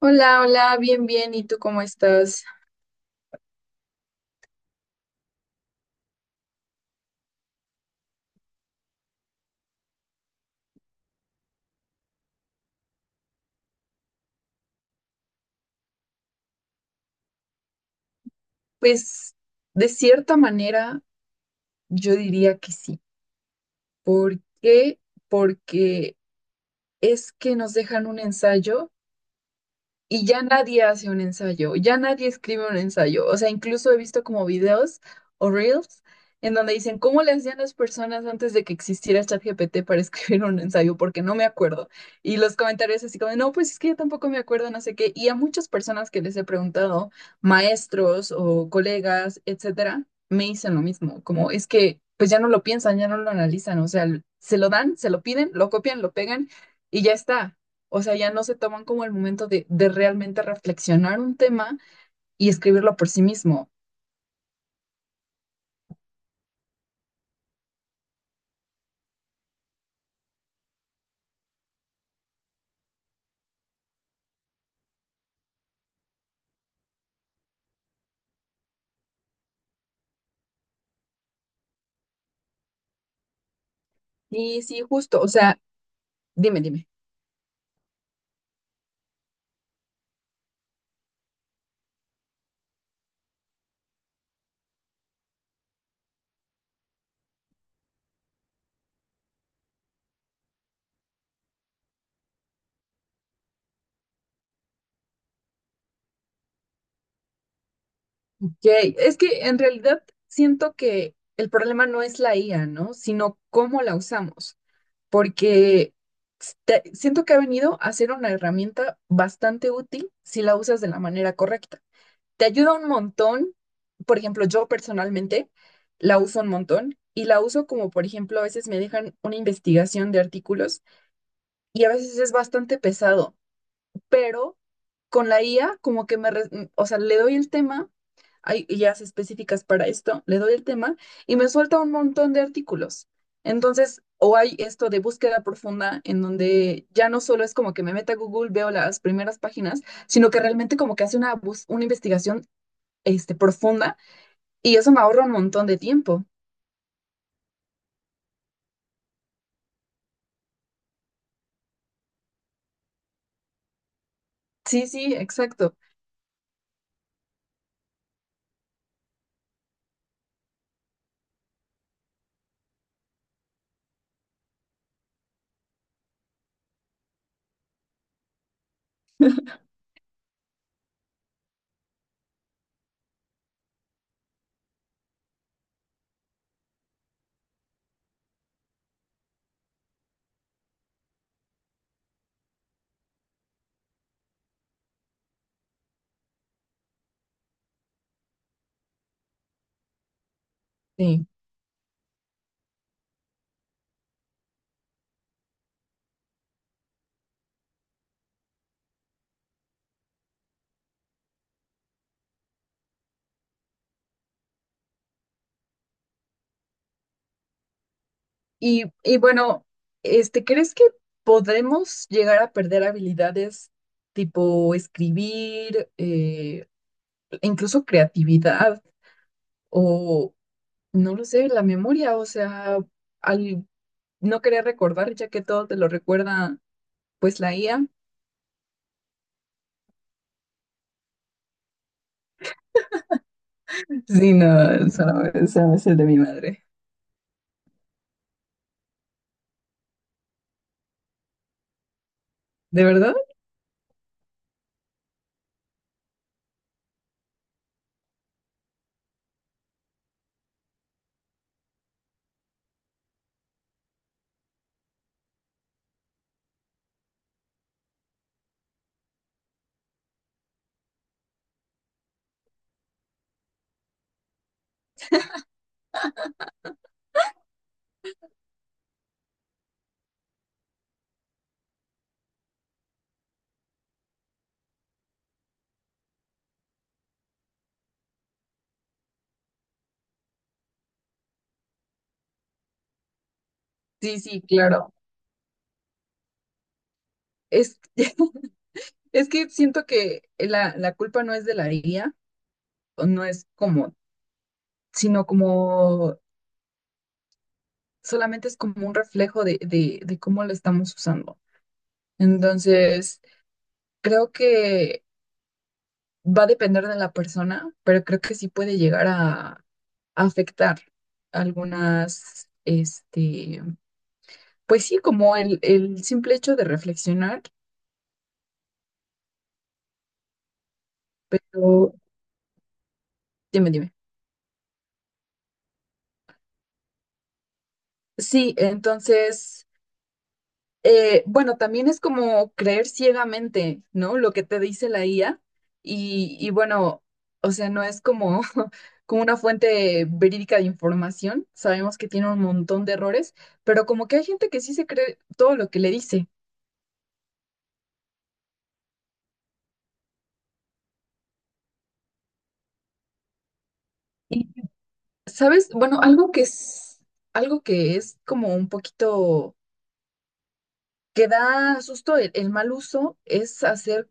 Hola, hola, bien, bien. ¿Y tú cómo estás? Pues de cierta manera yo diría que sí. ¿Por qué? Porque es que nos dejan un ensayo. Y ya nadie hace un ensayo, ya nadie escribe un ensayo. O sea, incluso he visto como videos o reels en donde dicen, ¿cómo le hacían las personas antes de que existiera ChatGPT para escribir un ensayo? Porque no me acuerdo. Y los comentarios así como, no, pues es que yo tampoco me acuerdo, no sé qué. Y a muchas personas que les he preguntado, maestros o colegas, etcétera, me dicen lo mismo, como es que pues ya no lo piensan, ya no lo analizan. O sea, se lo dan, se lo piden, lo copian, lo pegan y ya está. O sea, ya no se toman como el momento de realmente reflexionar un tema y escribirlo por sí mismo. Y sí, justo, o sea, dime, dime. Ok. Es que en realidad siento que el problema no es la IA, ¿no? Sino cómo la usamos, porque siento que ha venido a ser una herramienta bastante útil si la usas de la manera correcta. Te ayuda un montón, por ejemplo, yo personalmente la uso un montón y la uso como, por ejemplo, a veces me dejan una investigación de artículos y a veces es bastante pesado, pero con la IA como que o sea, le doy el tema, hay IAs específicas para esto, le doy el tema y me suelta un montón de artículos. Entonces, o hay esto de búsqueda profunda en donde ya no solo es como que me meta a Google, veo las primeras páginas, sino que realmente como que hace una investigación profunda y eso me ahorra un montón de tiempo. Sí, sí, exacto. Sí. Y bueno, ¿crees que podemos llegar a perder habilidades tipo escribir, incluso creatividad o, no lo sé, la memoria? O sea, al no querer recordar, ya que todo te lo recuerda, pues la IA. Sí, no, eso no, eso es el de mi madre. ¿De verdad? Sí, sí, claro. Es, es que siento que la culpa no es de la IA, o no es como, sino como solamente es como un reflejo de cómo lo estamos usando. Entonces, creo que va a depender de la persona, pero creo que sí puede llegar a afectar algunas, pues sí, como el simple hecho de reflexionar, pero dime, dime. Sí, entonces... bueno, también es como creer ciegamente, ¿no? Lo que te dice la IA y bueno, o sea, no es como, como una fuente verídica de información. Sabemos que tiene un montón de errores, pero como que hay gente que sí se cree todo lo que le dice. Y, ¿sabes? Bueno, algo que es como un poquito que da susto el mal uso es hacer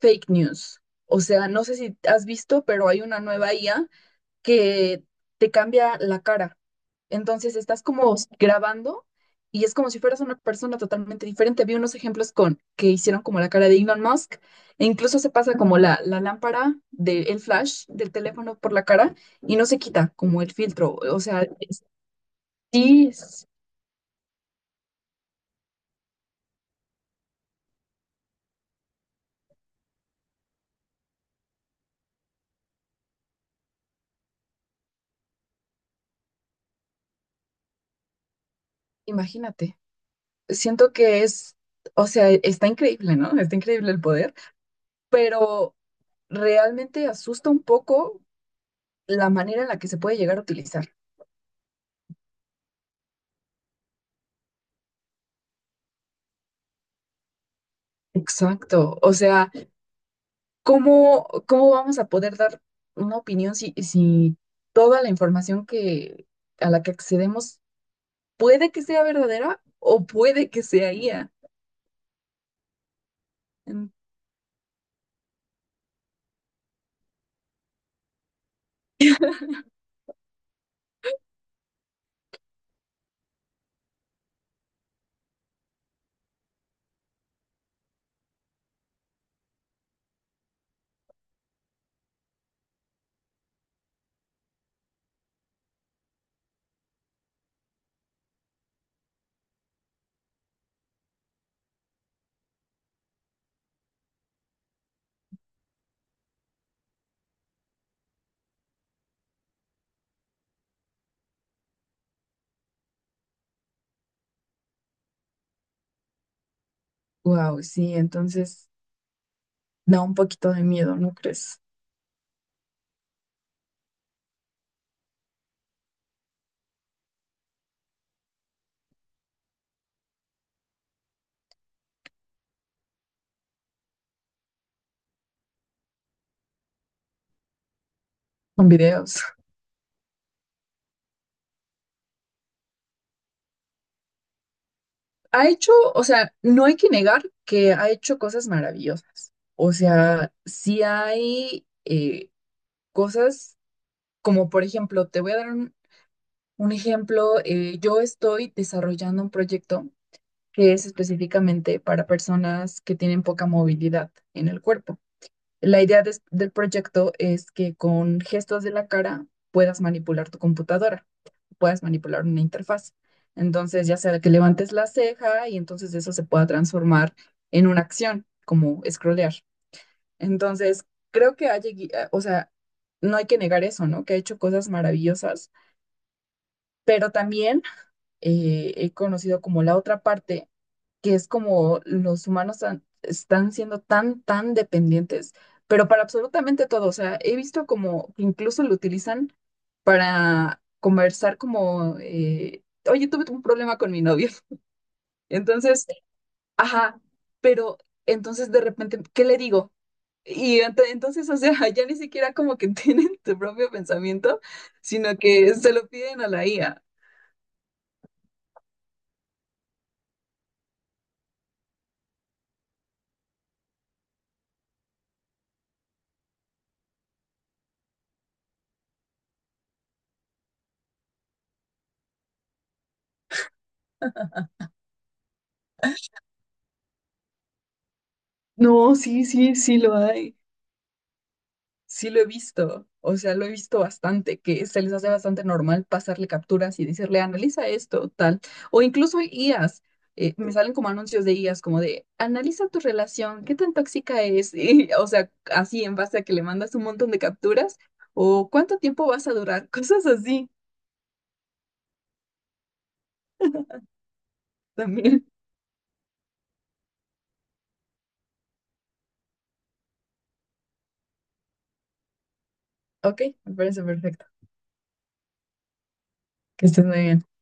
fake news. O sea, no sé si has visto, pero hay una nueva IA que te cambia la cara. Entonces estás como grabando y es como si fueras una persona totalmente diferente. Vi unos ejemplos con que hicieron como la cara de Elon Musk e incluso se pasa como la lámpara del flash del teléfono por la cara y no se quita como el filtro. O sea, sí, imagínate. Siento que es, o sea, está increíble, ¿no? Está increíble el poder, pero realmente asusta un poco la manera en la que se puede llegar a utilizar. Exacto. O sea, ¿Cómo vamos a poder dar una opinión si toda la información que, a la que accedemos puede que sea verdadera o puede que sea IA? Wow, sí, entonces da un poquito de miedo, ¿no crees? Con videos. Ha hecho, o sea, no hay que negar que ha hecho cosas maravillosas. O sea, sí hay cosas como, por ejemplo, te voy a dar un ejemplo, yo estoy desarrollando un proyecto que es específicamente para personas que tienen poca movilidad en el cuerpo. La idea del proyecto es que con gestos de la cara puedas manipular tu computadora, puedas manipular una interfaz. Entonces, ya sea que levantes la ceja y entonces eso se pueda transformar en una acción, como scrollear. Entonces, creo que o sea, no hay que negar eso, ¿no? Que ha hecho cosas maravillosas pero también he conocido como la otra parte, que es como los humanos están siendo tan, tan dependientes, pero para absolutamente todo. O sea, he visto como que incluso lo utilizan para conversar como, oye, tuve un problema con mi novio. Entonces, ajá, pero entonces de repente, ¿qué le digo? Y entonces, o sea, ya ni siquiera como que tienen tu propio pensamiento, sino que se lo piden a la IA. No, sí, sí, sí lo hay. Sí lo he visto, o sea, lo he visto bastante, que se les hace bastante normal pasarle capturas y decirle, analiza esto, tal, o incluso IAs, me salen como anuncios de IAs, como de, analiza tu relación, qué tan tóxica es, y, o sea, así en base a que le mandas un montón de capturas, o cuánto tiempo vas a durar, cosas así también. Ok, me parece perfecto, que estés muy bien.